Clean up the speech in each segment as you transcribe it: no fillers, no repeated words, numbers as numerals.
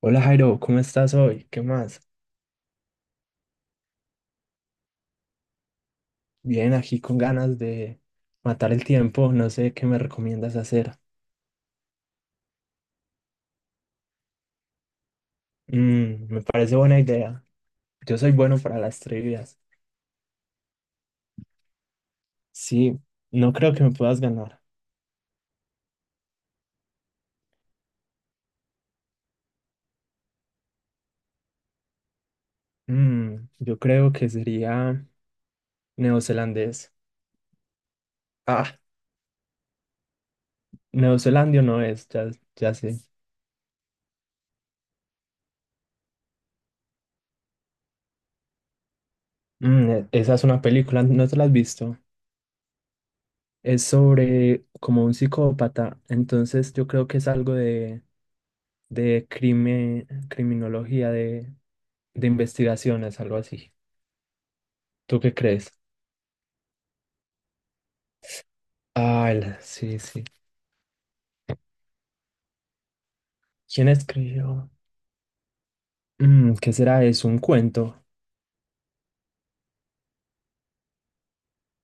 Hola Jairo, ¿cómo estás hoy? ¿Qué más? Bien, aquí con ganas de matar el tiempo, no sé qué me recomiendas hacer. Me parece buena idea. Yo soy bueno para las trivias. Sí, no creo que me puedas ganar. Yo creo que sería neozelandés. Ah, neozelandio no es, ya, ya sé. Esa es una película, ¿no te la has visto? Es sobre como un psicópata, entonces yo creo que es algo de crime, criminología, de investigaciones, algo así. ¿Tú qué crees? Ah, sí, sí. ¿Quién escribió? ¿Qué será? Es, ¿un cuento?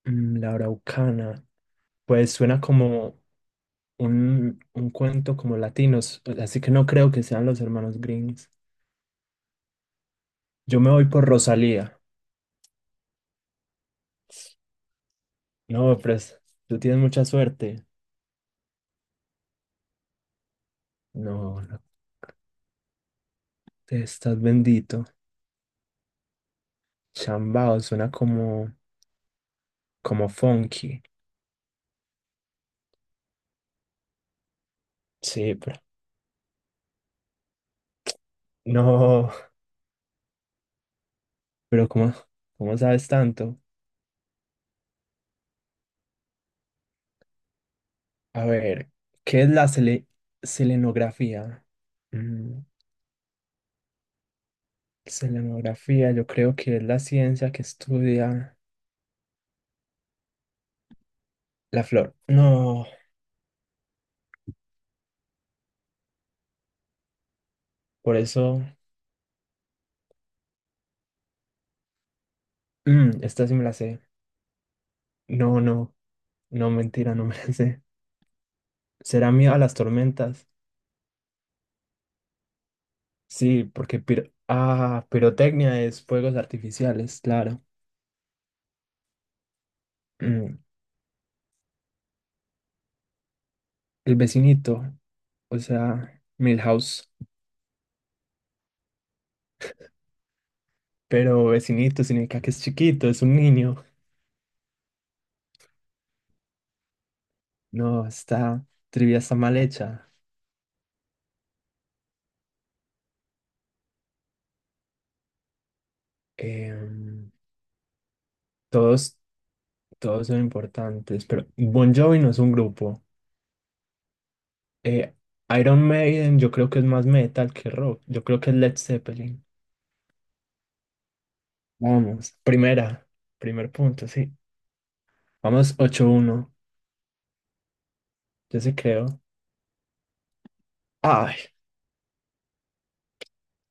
La Araucana. Pues suena como un cuento como latinos, así que no creo que sean los hermanos Greens. Yo me voy por Rosalía. No, pues tú tienes mucha suerte. No, no, te estás bendito. Chambao suena como funky. Sí, pero no, pero ¿cómo sabes tanto? A ver, ¿qué es la selenografía? Mm, Selenografía, yo creo que es la ciencia que estudia la flor. No, por eso, esta sí me la sé. No, no, no, mentira, no me la sé. ¿Será miedo a las tormentas? Sí, porque ah, pirotecnia es fuegos artificiales, claro. Mm, el vecinito, o sea, Milhouse. Pero vecinito significa que es chiquito, es un niño. No, está. Trivia está mal hecha. em, todos, Todos son importantes, pero Bon Jovi no es un grupo. Eh, Iron Maiden yo creo que es más metal que rock. Yo creo que es Led Zeppelin. Vamos, primer punto, sí. Vamos, 8-1, yo sí creo. Ay,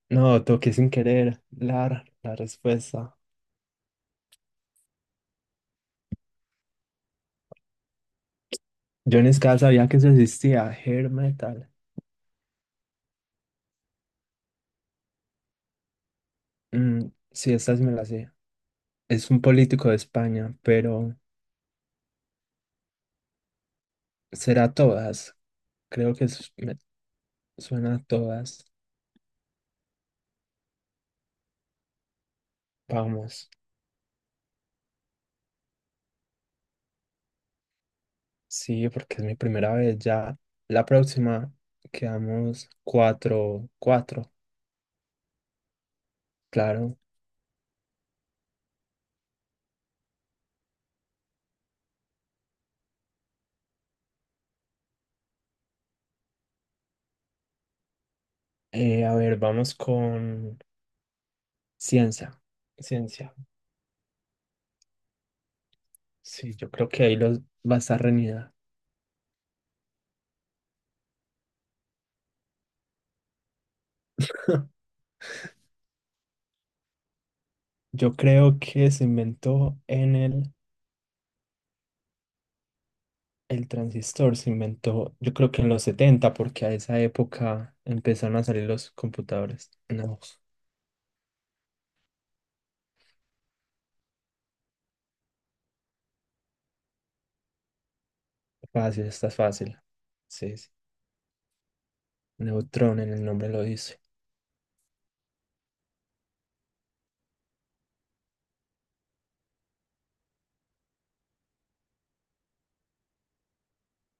no, toqué sin querer la respuesta. Yo ni siquiera sabía que eso existía, hair metal. Mm, sí, estas me las sé. Es un político de España, pero será todas. Creo que me suena a todas. Vamos. Sí, porque es mi primera vez ya. La próxima quedamos 4-4, claro. A ver, vamos con ciencia. Ciencia. Sí, yo creo que ahí los va a estar reñida. Yo creo que se inventó en el transistor, se inventó, yo creo que en los 70 porque a esa época empezaron a salir los computadores. No, fácil, está fácil. Sí, sí. Neutrón en el nombre lo dice.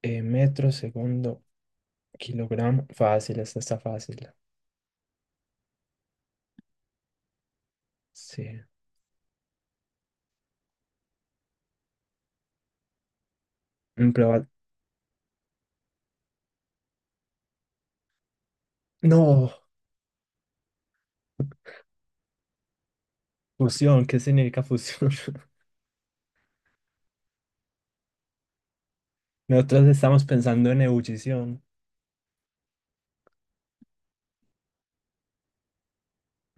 Metro segundo kilogramo. Fácil, esta está fácil. Sí. Mm, proba No, fusión. ¿Qué significa fusión? Nosotros estamos pensando en ebullición.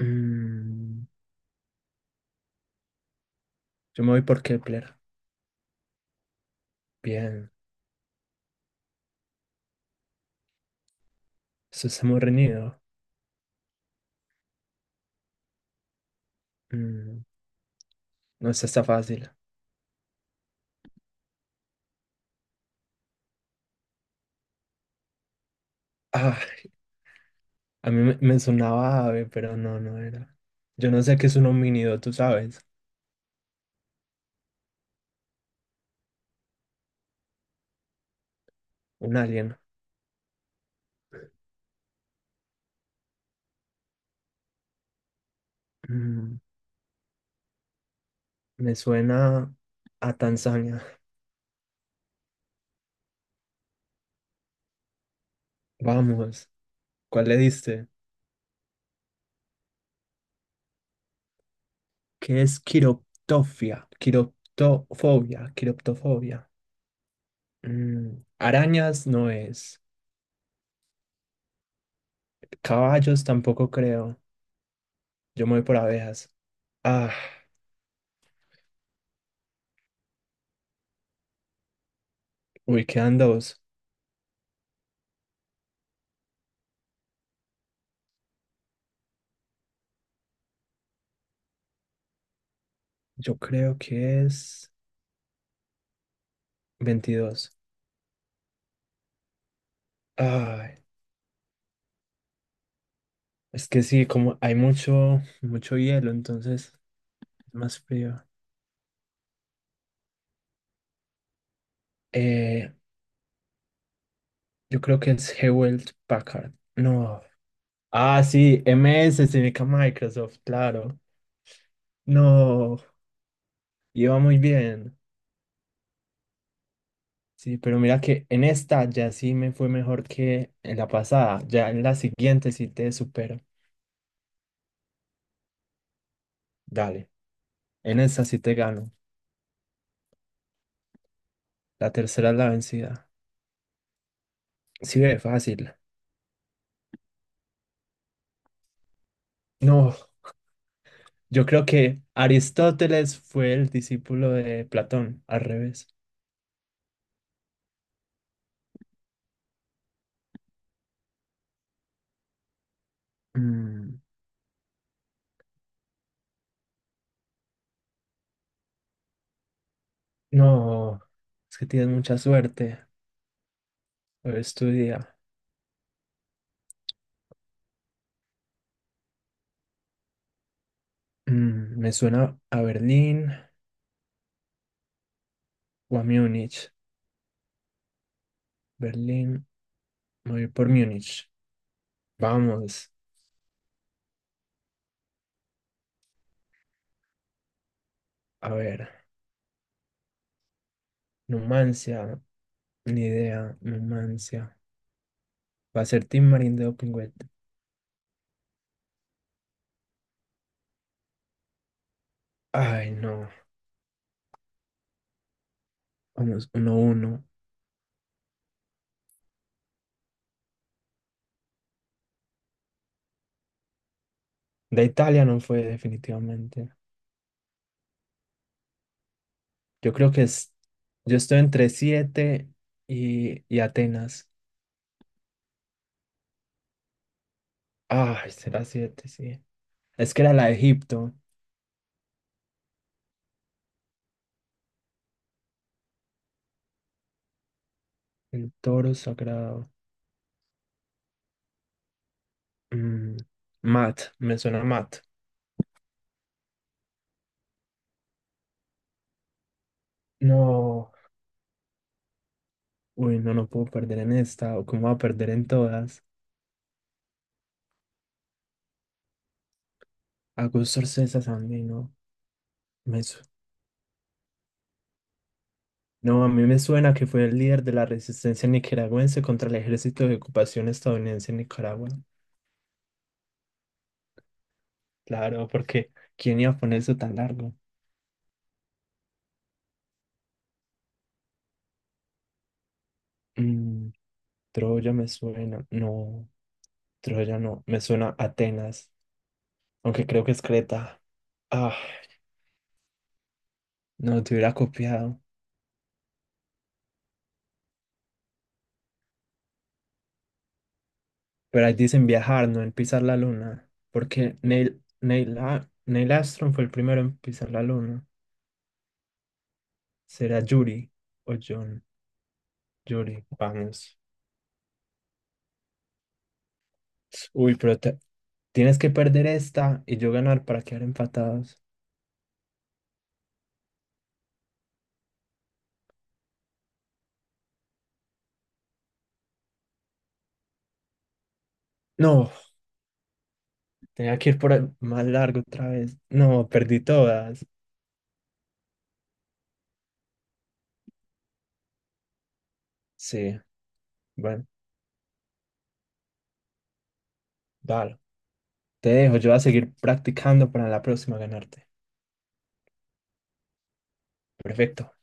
Mm, yo me voy por Kepler. Bien. Eso está muy reñido. Mm, no, esta está fácil. Ah, a mí me sonaba ave, pero no, no era. Yo no sé qué es un homínido, tú sabes. Un alien. Mm, Me suena a Tanzania. Vamos. ¿Cuál le diste? Que es quiroptofobia, quiroptofobia. Arañas no es. Caballos tampoco creo. Yo me voy por abejas. Ah, uy, quedan dos. Yo creo que es 22. Ay, es que sí, como hay mucho, mucho hielo, entonces es más frío. Eh, yo creo que es Hewlett Packard. No. Ah, sí, MS significa Microsoft, claro. No, iba muy bien. Sí, pero mira que en esta ya sí me fue mejor que en la pasada. Ya en la siguiente sí te supero. Dale, en esta sí te gano. La tercera es la vencida. Sí, ve, fácil. No, yo creo que Aristóteles fue el discípulo de Platón, al revés. Mm, no, es que tienes mucha suerte. Hoy es tu día. Me suena a Berlín o a Múnich. Berlín, me voy por Múnich. Vamos, a ver. Numancia. Ni idea, Numancia. Va a ser Team Marín de Open Wet. Ay, no. Vamos, 1-1. De Italia no fue definitivamente. Yo creo que es. Yo estoy entre 7 y Atenas. Ay, será 7 sí. Es que era la de Egipto. El toro sagrado. Mm, Mat, me suena Mat. No. Uy, no, no puedo perder en esta. ¿O cómo va a perder en todas? Augusto César Sandino. Me, su- No, a mí me suena que fue el líder de la resistencia nicaragüense contra el ejército de ocupación estadounidense en Nicaragua. Claro, porque ¿quién iba a poner eso tan largo? Mm, Troya me suena. No, Troya no. Me suena Atenas, aunque creo que es Creta. Ah, no, te hubiera copiado. Pero ahí dicen viajar, no en pisar la luna. Porque Neil Armstrong fue el primero en pisar la luna. ¿Será Yuri o John? Yuri, vamos. Uy, pero tienes que perder esta y yo ganar para quedar empatados. No, tenía que ir por el más largo otra vez. No, perdí todas. Sí, bueno, vale. Te dejo, yo voy a seguir practicando para la próxima ganarte. Perfecto.